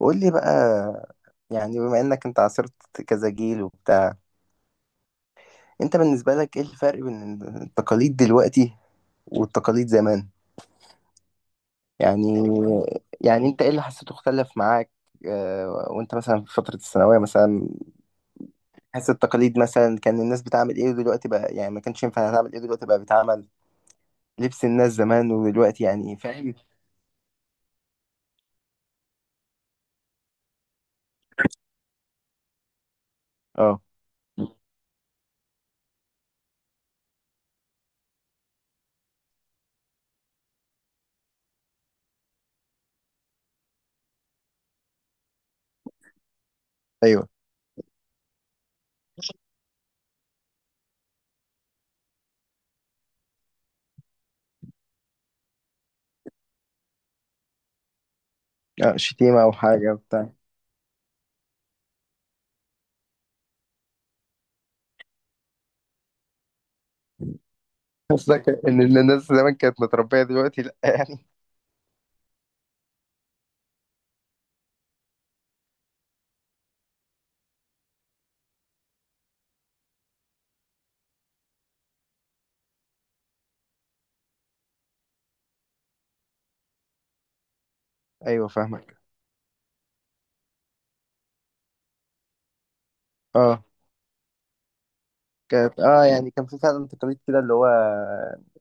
قول لي بقى. بما انك انت عاصرت كذا جيل وبتاع. انت بالنسبة لك ايه الفرق بين التقاليد دلوقتي والتقاليد زمان؟ يعني يعني انت ايه اللي حسيته اختلف معاك؟ وانت مثلا في فترة الثانوية مثلا، حس التقاليد مثلا كان الناس بتعمل ايه ودلوقتي بقى؟ يعني ما كانش ينفع تعمل ايه دلوقتي بقى بيتعمل؟ لبس الناس زمان ودلوقتي، يعني فاهم. اه، ايوه، شتيمة او حاجة بتاع. قصدك ان الناس زمان كانت متربية دلوقتي لا، يعني ايوه فاهمك. اه كانت، اه يعني كان في فعلا تقاليد كده اللي هو،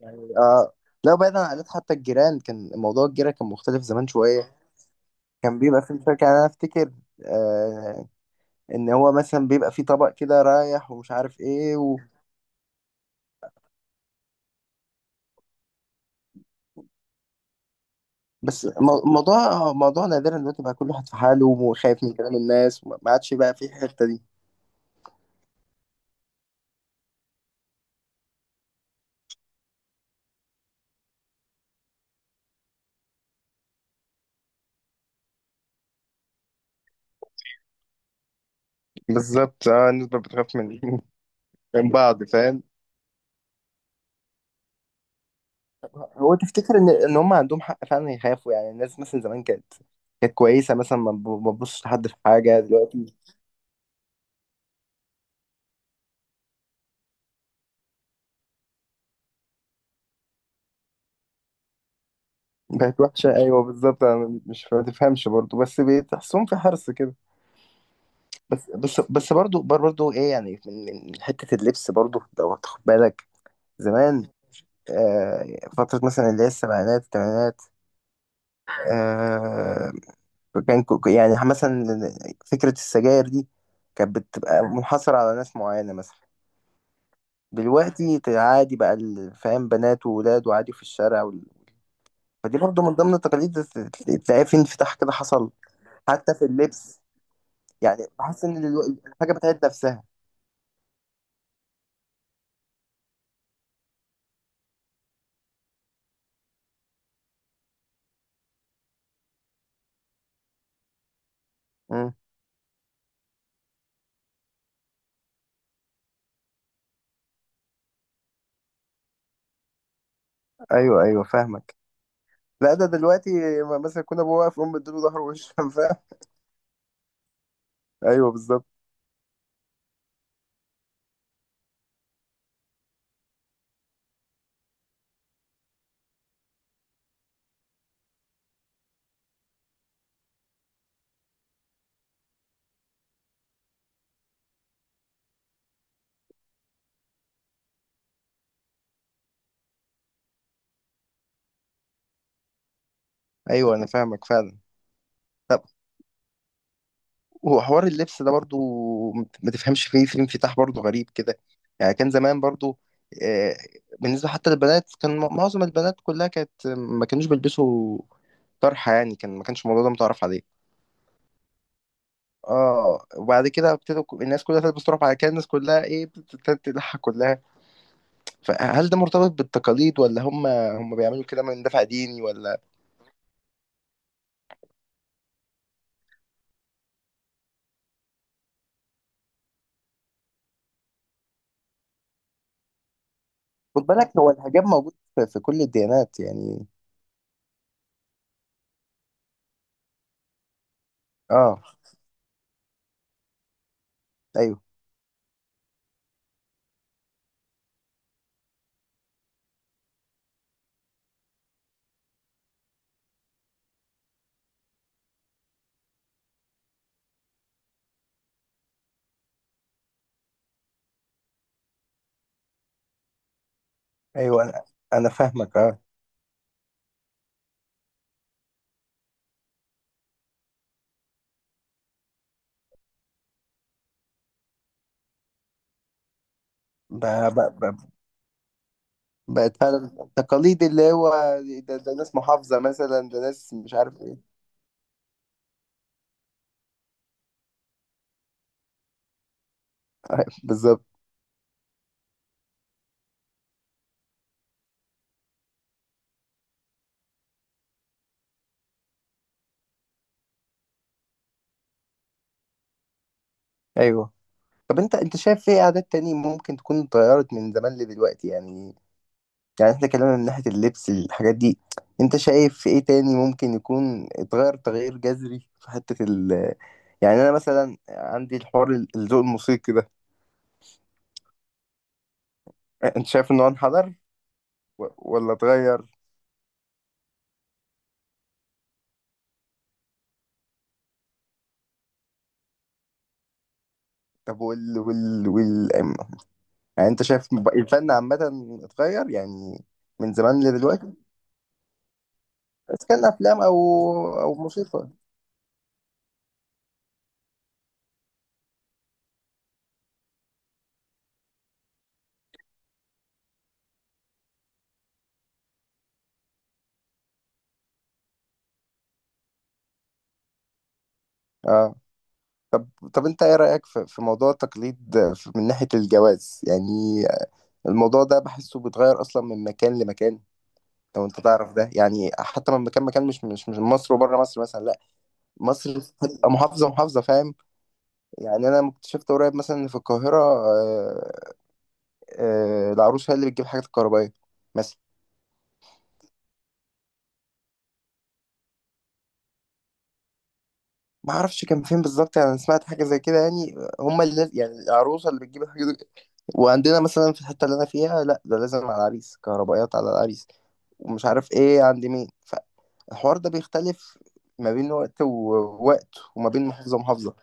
يعني اه. لو بعيدا عن العادات، حتى الجيران كان موضوع الجيرة كان مختلف زمان شوية. كان بيبقى في مشاكل، يعني انا افتكر آه ان هو مثلا بيبقى في طبق كده رايح ومش عارف ايه و... بس موضوع نادرا دلوقتي بقى كل واحد في حاله وخايف من كلام الناس وما ما عادش بقى في الحتة دي. بالظبط، اه الناس بقت بتخاف من من بعض، فاهم. هو تفتكر ان هم عندهم حق فعلا يخافوا؟ يعني الناس مثلا زمان كانت، كويسه مثلا، ما تبصش لحد في حاجه. دلوقتي بقت وحشه، ايوه بالظبط. انا مش ما تفهمش برضه، بس بتحسهم في حرص كده. بس برضه برضه ايه يعني، من حته اللبس برضه لو هتاخد بالك زمان. آه فتره مثلا اللي هي السبعينات الثمانينات، آه كان يعني مثلا فكره السجاير دي كانت بتبقى منحصره على ناس معينه مثلا. دلوقتي عادي بقى فاهم، بنات وولاد وعادي في الشارع. فدي برضه من ضمن التقاليد، تلاقيها في انفتاح كده حصل حتى في اللبس. يعني بحس ان الحاجه بتعيد نفسها. مم. ايوه فاهمك. لا ده دلوقتي، مثلا كنا ابوه واقف امه اديله ظهر وش فاهم؟ ايوه بالظبط. ايوه انا فاهمك فعلا. طب هو حوار اللبس ده برضه ما تفهمش فيه في انفتاح برضه غريب كده. يعني كان زمان برضه آه، بالنسبه حتى للبنات كان معظم البنات كلها كانت ما كانوش بيلبسوا طرحه. يعني كان ما كانش الموضوع ده متعرف عليه. اه وبعد كده ابتدوا الناس كلها تلبس، تروح بعد كده الناس كلها ايه بتبتدي تضحك كلها. فهل ده مرتبط بالتقاليد ولا هم بيعملوا كده من دافع ديني ولا؟ خد بالك، هو الحجاب موجود في في كل الديانات، يعني اه. ايوه ايوه، انا فاهمك اه. ب- ب- ب- بقت فعلا التقاليد اللي هو ده، ده ناس محافظة مثلا، ده ناس مش عارف ايه. بالظبط. ايوه. طب انت، شايف ايه عادات تانية ممكن تكون اتغيرت من زمان لدلوقتي؟ يعني يعني احنا اتكلمنا من ناحية اللبس الحاجات دي، انت شايف في ايه تاني ممكن يكون اتغير تغيير جذري في حتة ال... يعني انا مثلا عندي الحوار الذوق الموسيقي ده، انت شايف انه انحدر ولا اتغير؟ طب وال... يعني انت شايف الفن عامة اتغير، يعني من زمان لدلوقتي؟ بس كان افلام او او موسيقى؟ اه. طب انت ايه رأيك في في موضوع التقليد من ناحية الجواز؟ يعني الموضوع ده بحسه بيتغير اصلا من مكان لمكان، لو انت تعرف ده. يعني حتى لما كان مكان مش من مصر وبره مصر مثلا، لا مصر بتبقى محافظه محافظه، فاهم. يعني انا اكتشفت قريب مثلا ان في القاهره العروسه هي اللي بتجيب الحاجات الكهربائيه مثلا. ما اعرفش كان فين بالظبط، يعني انا سمعت حاجه زي كده يعني، هم اللي يعني العروسه اللي بتجيب الحاجات دي. وعندنا مثلا في الحته اللي انا فيها، لا ده لازم على العريس كهربائيات، على العريس ومش عارف ايه عند مين. فالحوار ده بيختلف ما بين وقت ووقت وما بين محافظه ومحافظه.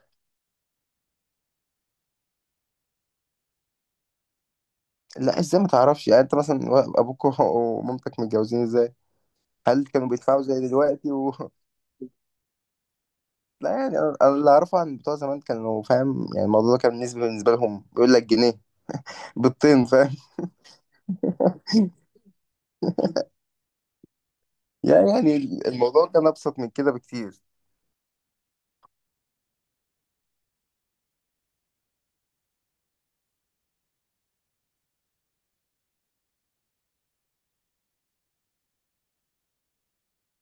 لا ازاي ما تعرفش؟ يعني انت مثلا ابوك ومامتك متجوزين ازاي؟ هل كانوا بيدفعوا زي دلوقتي و... لا يعني أنا اللي اعرفه عن بتوع زمان كانوا فاهم، يعني الموضوع ده كان بالنسبه لهم بيقول لك جنيه بالطين، فاهم. يعني الموضوع كان ابسط من كده بكتير.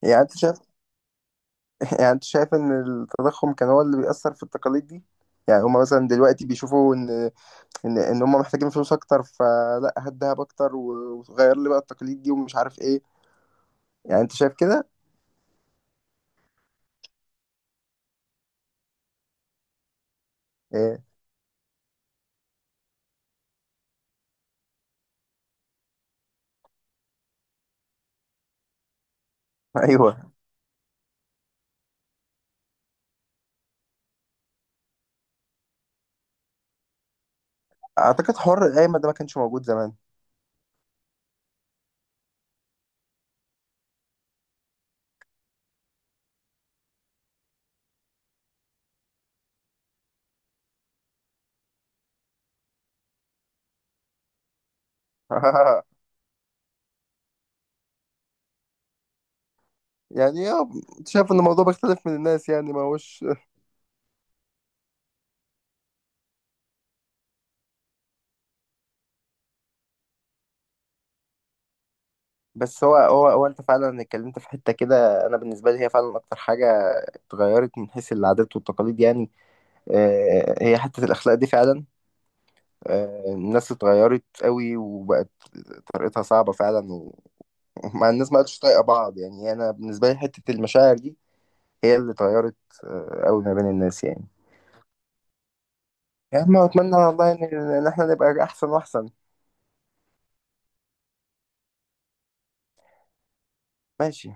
يعني انت شايف، يعني انت شايف ان التضخم كان هو اللي بيأثر في التقاليد دي؟ يعني هما مثلا دلوقتي بيشوفوا ان ان هما محتاجين فلوس اكتر، فلا هات دهب اكتر وغير لي بقى التقاليد دي ومش عارف ايه. يعني انت شايف كده؟ إيه. ايوه، اعتقد حوار القايمه ده ما كانش موجود زمان. يعني اه، شايف ان الموضوع بيختلف من الناس، يعني ما هوش. بس هو انت فعلا اتكلمت في حته كده انا بالنسبه لي هي فعلا اكتر حاجه اتغيرت من حيث العادات والتقاليد، يعني آه، هي حته الاخلاق دي فعلا. الناس اتغيرت قوي وبقت طريقتها صعبه فعلا ومع الناس ما بقتش طايقه بعض. يعني انا بالنسبه لي حته المشاعر دي هي اللي اتغيرت قوي ما بين الناس يعني. يا عم اتمنى والله ان احنا نبقى احسن واحسن. ماشي.